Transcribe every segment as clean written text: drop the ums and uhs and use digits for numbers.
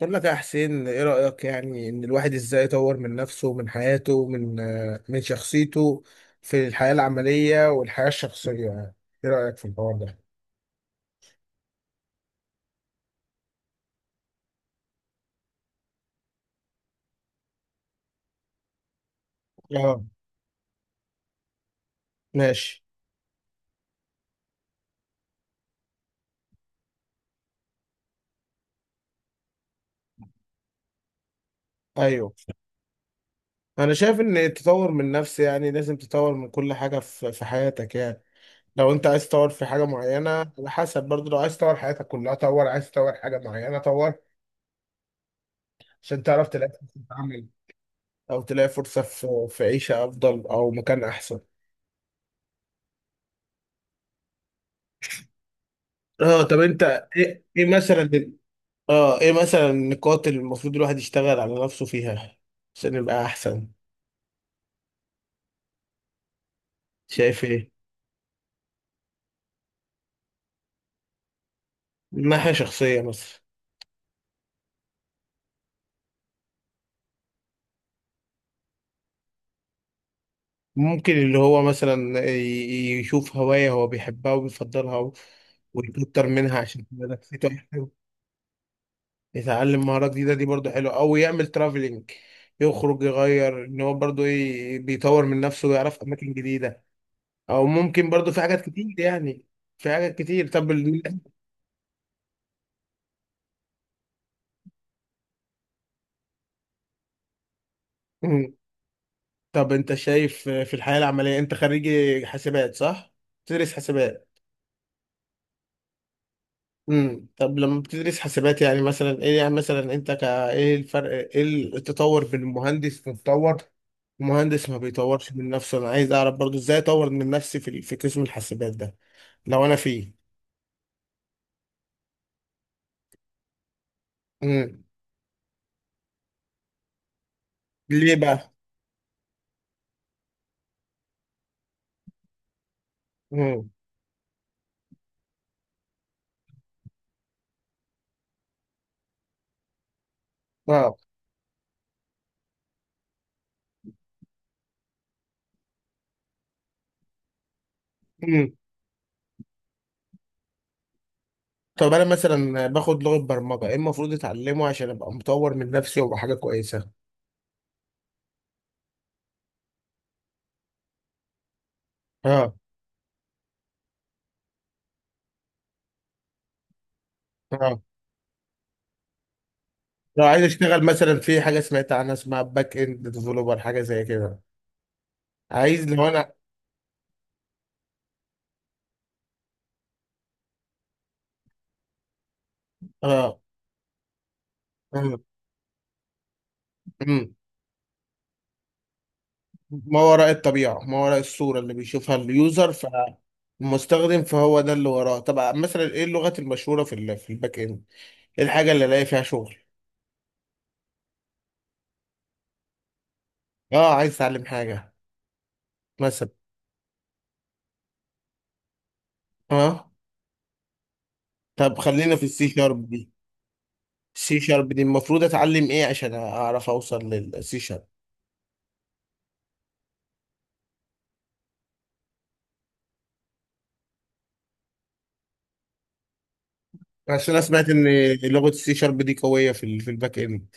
بقول لك يا حسين، ايه رأيك يعني ان الواحد ازاي يطور من نفسه، من حياته، من شخصيته في الحياة العملية والحياة الشخصية؟ يعني ايه رأيك في الحوار ده؟ اه. ماشي. ايوه، انا شايف ان التطور من نفسي يعني لازم تطور من كل حاجة في حياتك. يعني لو انت عايز تطور في حاجة معينة، على حسب برضه، لو عايز تطور حياتك كلها طور، عايز تطور حاجة معينة طور، عشان تعرف تلاقي فرصة عمل او تلاقي فرصة في عيشة افضل او مكان احسن. اه طب انت ايه مثلا؟ اه، ايه مثلا النقاط اللي المفروض الواحد يشتغل على نفسه فيها عشان يبقى احسن؟ شايف ايه؟ من ناحية شخصية مثلا، ممكن اللي هو مثلا يشوف هواية هو بيحبها وبيفضلها ويكتر منها عشان تبقى نفسيته أحسن. يتعلم مهارة جديدة دي برضه حلوة، أو يعمل ترافلينج، يخرج يغير، إن هو برضه إيه بيطور من نفسه ويعرف أماكن جديدة. أو ممكن برضه في حاجات كتير يعني، في حاجات كتير. طب طب انت شايف في الحياة العملية، انت خريج حاسبات صح؟ بتدرس حاسبات. طب لما بتدرس حاسبات، يعني مثلا ايه، يعني مثلا انت ايه الفرق، ايه التطور بين المهندس المتطور، المهندس ما بيطورش من نفسه؟ انا عايز اعرف برضو ازاي اطور من نفسي في قسم الحاسبات ده، لو انا فيه. امم ليه بقى؟ امم. اه. امم. طب انا مثلا باخد لغة برمجة، ايه المفروض اتعلمه عشان ابقى مطور من نفسي وابقى حاجة كويسة؟ اه. اه، لو عايز اشتغل مثلا في حاجه سمعت عنها اسمها باك اند ديفلوبر، حاجه زي كده. عايز، لو انا. اه. مم. مم. ما وراء الطبيعه، ما وراء الصوره اللي بيشوفها اليوزر، فالمستخدم فهو ده اللي وراه. طب مثلا ايه اللغات المشهوره في في الباك اند؟ ايه الحاجه اللي الاقي فيها شغل؟ اه، عايز اتعلم حاجه مثلا. اه طب خلينا في السي شارب دي. السي شارب دي المفروض اتعلم ايه عشان اعرف اوصل للسي شارب؟ عشان انا سمعت ان لغه السي شارب دي قويه في الباك اند.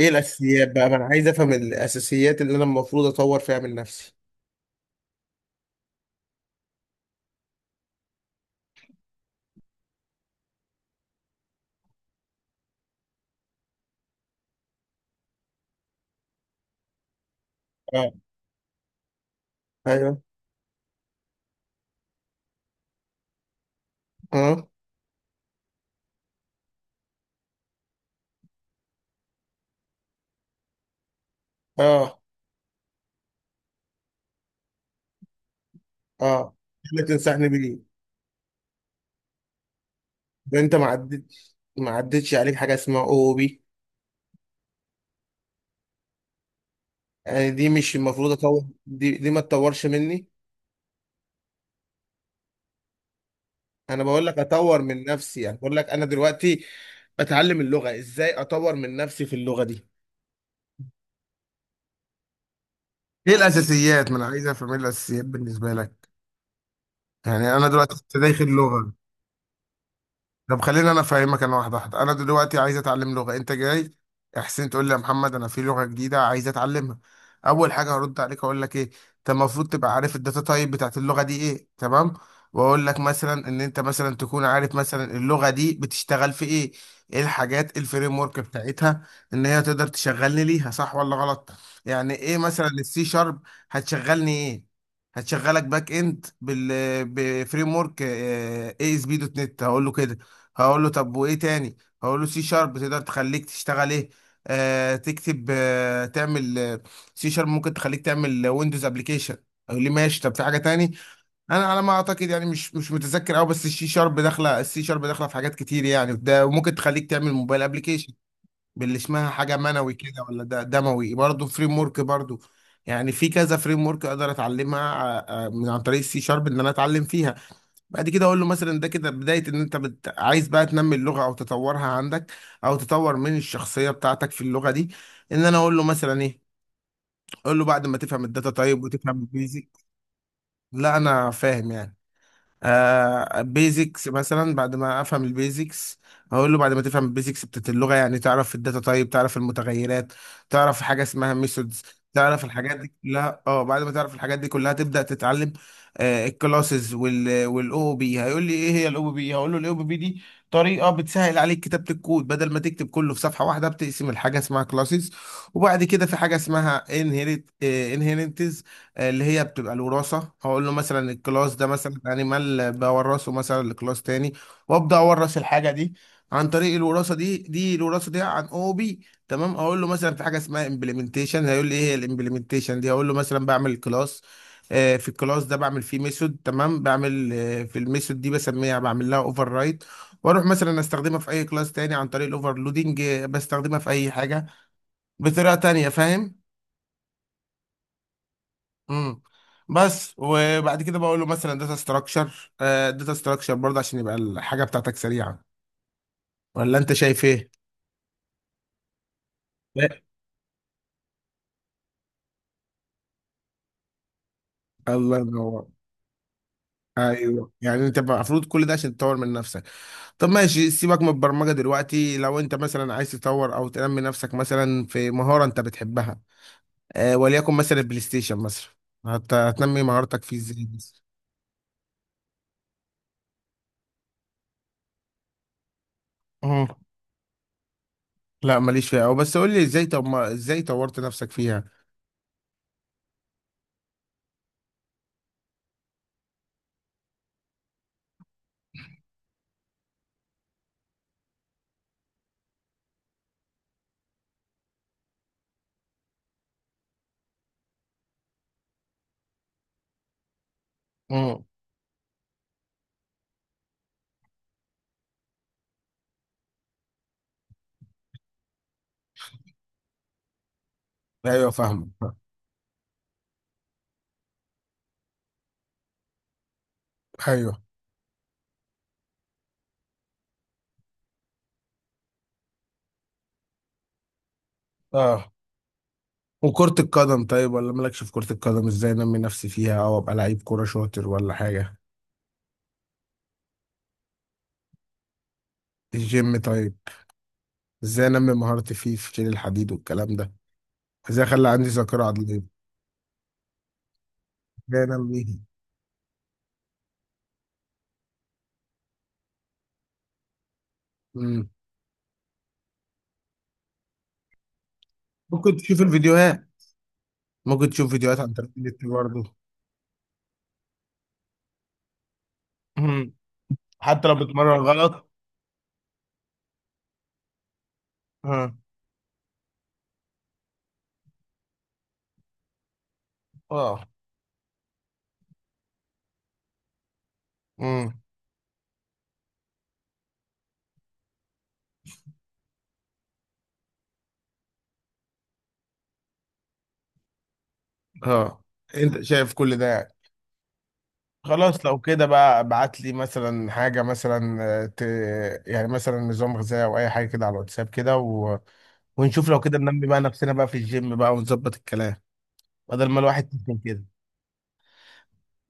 ايه الاساسيات بقى؟ ما انا عايز افهم الاساسيات اللي انا المفروض اطور فيها من نفسي. اه. ايوه. اه. اه. اه. اللي تنصحني بيه. ده انت ما عدتش عليك حاجه اسمها او بي. يعني دي مش المفروض اطور؟ دي ما تطورش مني؟ انا بقول لك اطور من نفسي، يعني بقول لك انا دلوقتي بتعلم اللغه، ازاي اطور من نفسي في اللغه دي؟ ايه الاساسيات؟ ما انا عايز افهم ايه الاساسيات بالنسبه لك، يعني انا دلوقتي كنت داخل لغه. طب خليني انا افهمك انا، واحده واحده. انا دلوقتي عايز اتعلم لغه، انت جاي يا حسين تقول لي يا محمد، انا في لغه جديده عايز اتعلمها. اول حاجه هرد عليك، اقول لك ايه؟ انت المفروض تبقى عارف الداتا تايب بتاعت اللغه دي ايه، تمام. واقول لك مثلا ان انت مثلا تكون عارف مثلا اللغه دي بتشتغل في ايه، ايه الحاجات الفريم ورك بتاعتها، ان هي تقدر تشغلني ليها صح ولا غلط. يعني ايه مثلا السي شارب هتشغلني ايه؟ هتشغلك باك اند بفريم ورك اي اس بي دوت نت، هقول له كده. هقول له طب وايه تاني؟ هقول له سي شارب تقدر تخليك تشتغل ايه؟ تكتب، تعمل. سي شارب ممكن تخليك تعمل ويندوز ابلكيشن. يقول لي ماشي، طب في حاجه تاني؟ انا على ما اعتقد، يعني مش متذكر قوي، بس السي شارب داخله في حاجات كتير. يعني ده ممكن تخليك تعمل موبايل ابلكيشن باللي اسمها حاجه منوي كده، ولا ده دموي برضه، فريم ورك برضه. يعني في كذا فريم ورك اقدر اتعلمها عن طريق السي شارب، ان انا اتعلم فيها. بعد كده اقول له مثلا ده كده بدايه ان انت عايز بقى تنمي اللغه او تطورها عندك، او تطور من الشخصيه بتاعتك في اللغه دي. ان انا اقول له مثلا ايه؟ اقول له بعد ما تفهم الداتا تايب وتفهم البيزك. لا انا فاهم يعني. بيزكس مثلا. بعد ما افهم البيزكس، هقول له بعد ما تفهم البيزكس بتاعت اللغه، يعني تعرف الداتا تايب، تعرف المتغيرات، تعرف حاجه اسمها ميثودز، تعرف الحاجات دي كلها. اه، بعد ما تعرف الحاجات دي كلها تبدا تتعلم الكلاسز والاو بي. هيقول لي ايه هي الاو بي؟ هقول له الاو بي دي طريقه بتسهل عليك كتابه الكود، بدل ما تكتب كله في صفحه واحده بتقسم، الحاجه اسمها كلاسز. وبعد كده في حاجه اسمها انهيرنتز، اللي هي بتبقى الوراثه. هقول له مثلا الكلاس ده مثلا انيمال، بورثه مثلا لكلاس تاني وابدا اورث الحاجه دي عن طريق الوراثه دي الوراثه دي عن او بي. تمام. اقول له مثلا في حاجه اسمها امبلمنتيشن، هيقول لي ايه الامبلمنتيشن دي؟ هقول له مثلا بعمل كلاس، في الكلاس ده بعمل فيه ميثود، تمام، بعمل في الميثود دي بسميها، بعمل لها اوفر رايت، واروح مثلا استخدمها في اي كلاس تاني عن طريق الاوفرلودنج، بستخدمها في اي حاجه بطريقه تانيه، فاهم؟ امم بس. وبعد كده بقول له مثلا داتا ستراكشر، داتا ستراكشر برضه عشان يبقى الحاجه بتاعتك سريعه. ولا انت شايف ايه؟ لا. الله ينور. ايوه، يعني انت بقى المفروض كل ده عشان تطور من نفسك. طب ماشي، سيبك من البرمجه دلوقتي. لو انت مثلا عايز تطور او تنمي نفسك مثلا في مهاره انت بتحبها، وليكن مثلا البلاي ستيشن مثلا، هتنمي مهارتك فيه ازاي بس؟ مم. لا ماليش فيها، او بس قول لي ازاي، طب ما ازاي طورت نفسك فيها؟ امم. ايوه، فاهمك. ايوه. اه، وكرة القدم طيب، ولا مالكش في كرة القدم؟ ازاي انمي نفسي فيها او ابقى لعيب كورة شاطر ولا حاجة؟ الجيم طيب. ازاي انمي مهارتي فيه في شيل الحديد والكلام ده؟ ازاي اخلي عندي ذاكرة عضلية؟ ازاي انميها؟ مم. ممكن تشوف الفيديوهات ممكن تشوف فيديوهات عن تمرين النت برضه. مم. حتى لو بتمرن غلط؟ ها. اه. مم. اه. انت شايف كل ده يعني؟ خلاص، لو كده بقى ابعت لي مثلا حاجة مثلا، آه، ت... يعني مثلا نظام غذائي او اي حاجة كده على الواتساب كده، ونشوف، لو كده ننمي بقى نفسنا بقى في الجيم بقى، ونظبط الكلام، بدل ما الواحد يتنكد كده.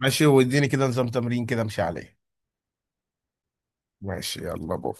ماشي، واديني كده نظام تمرين كده امشي عليه. ماشي يلا بو.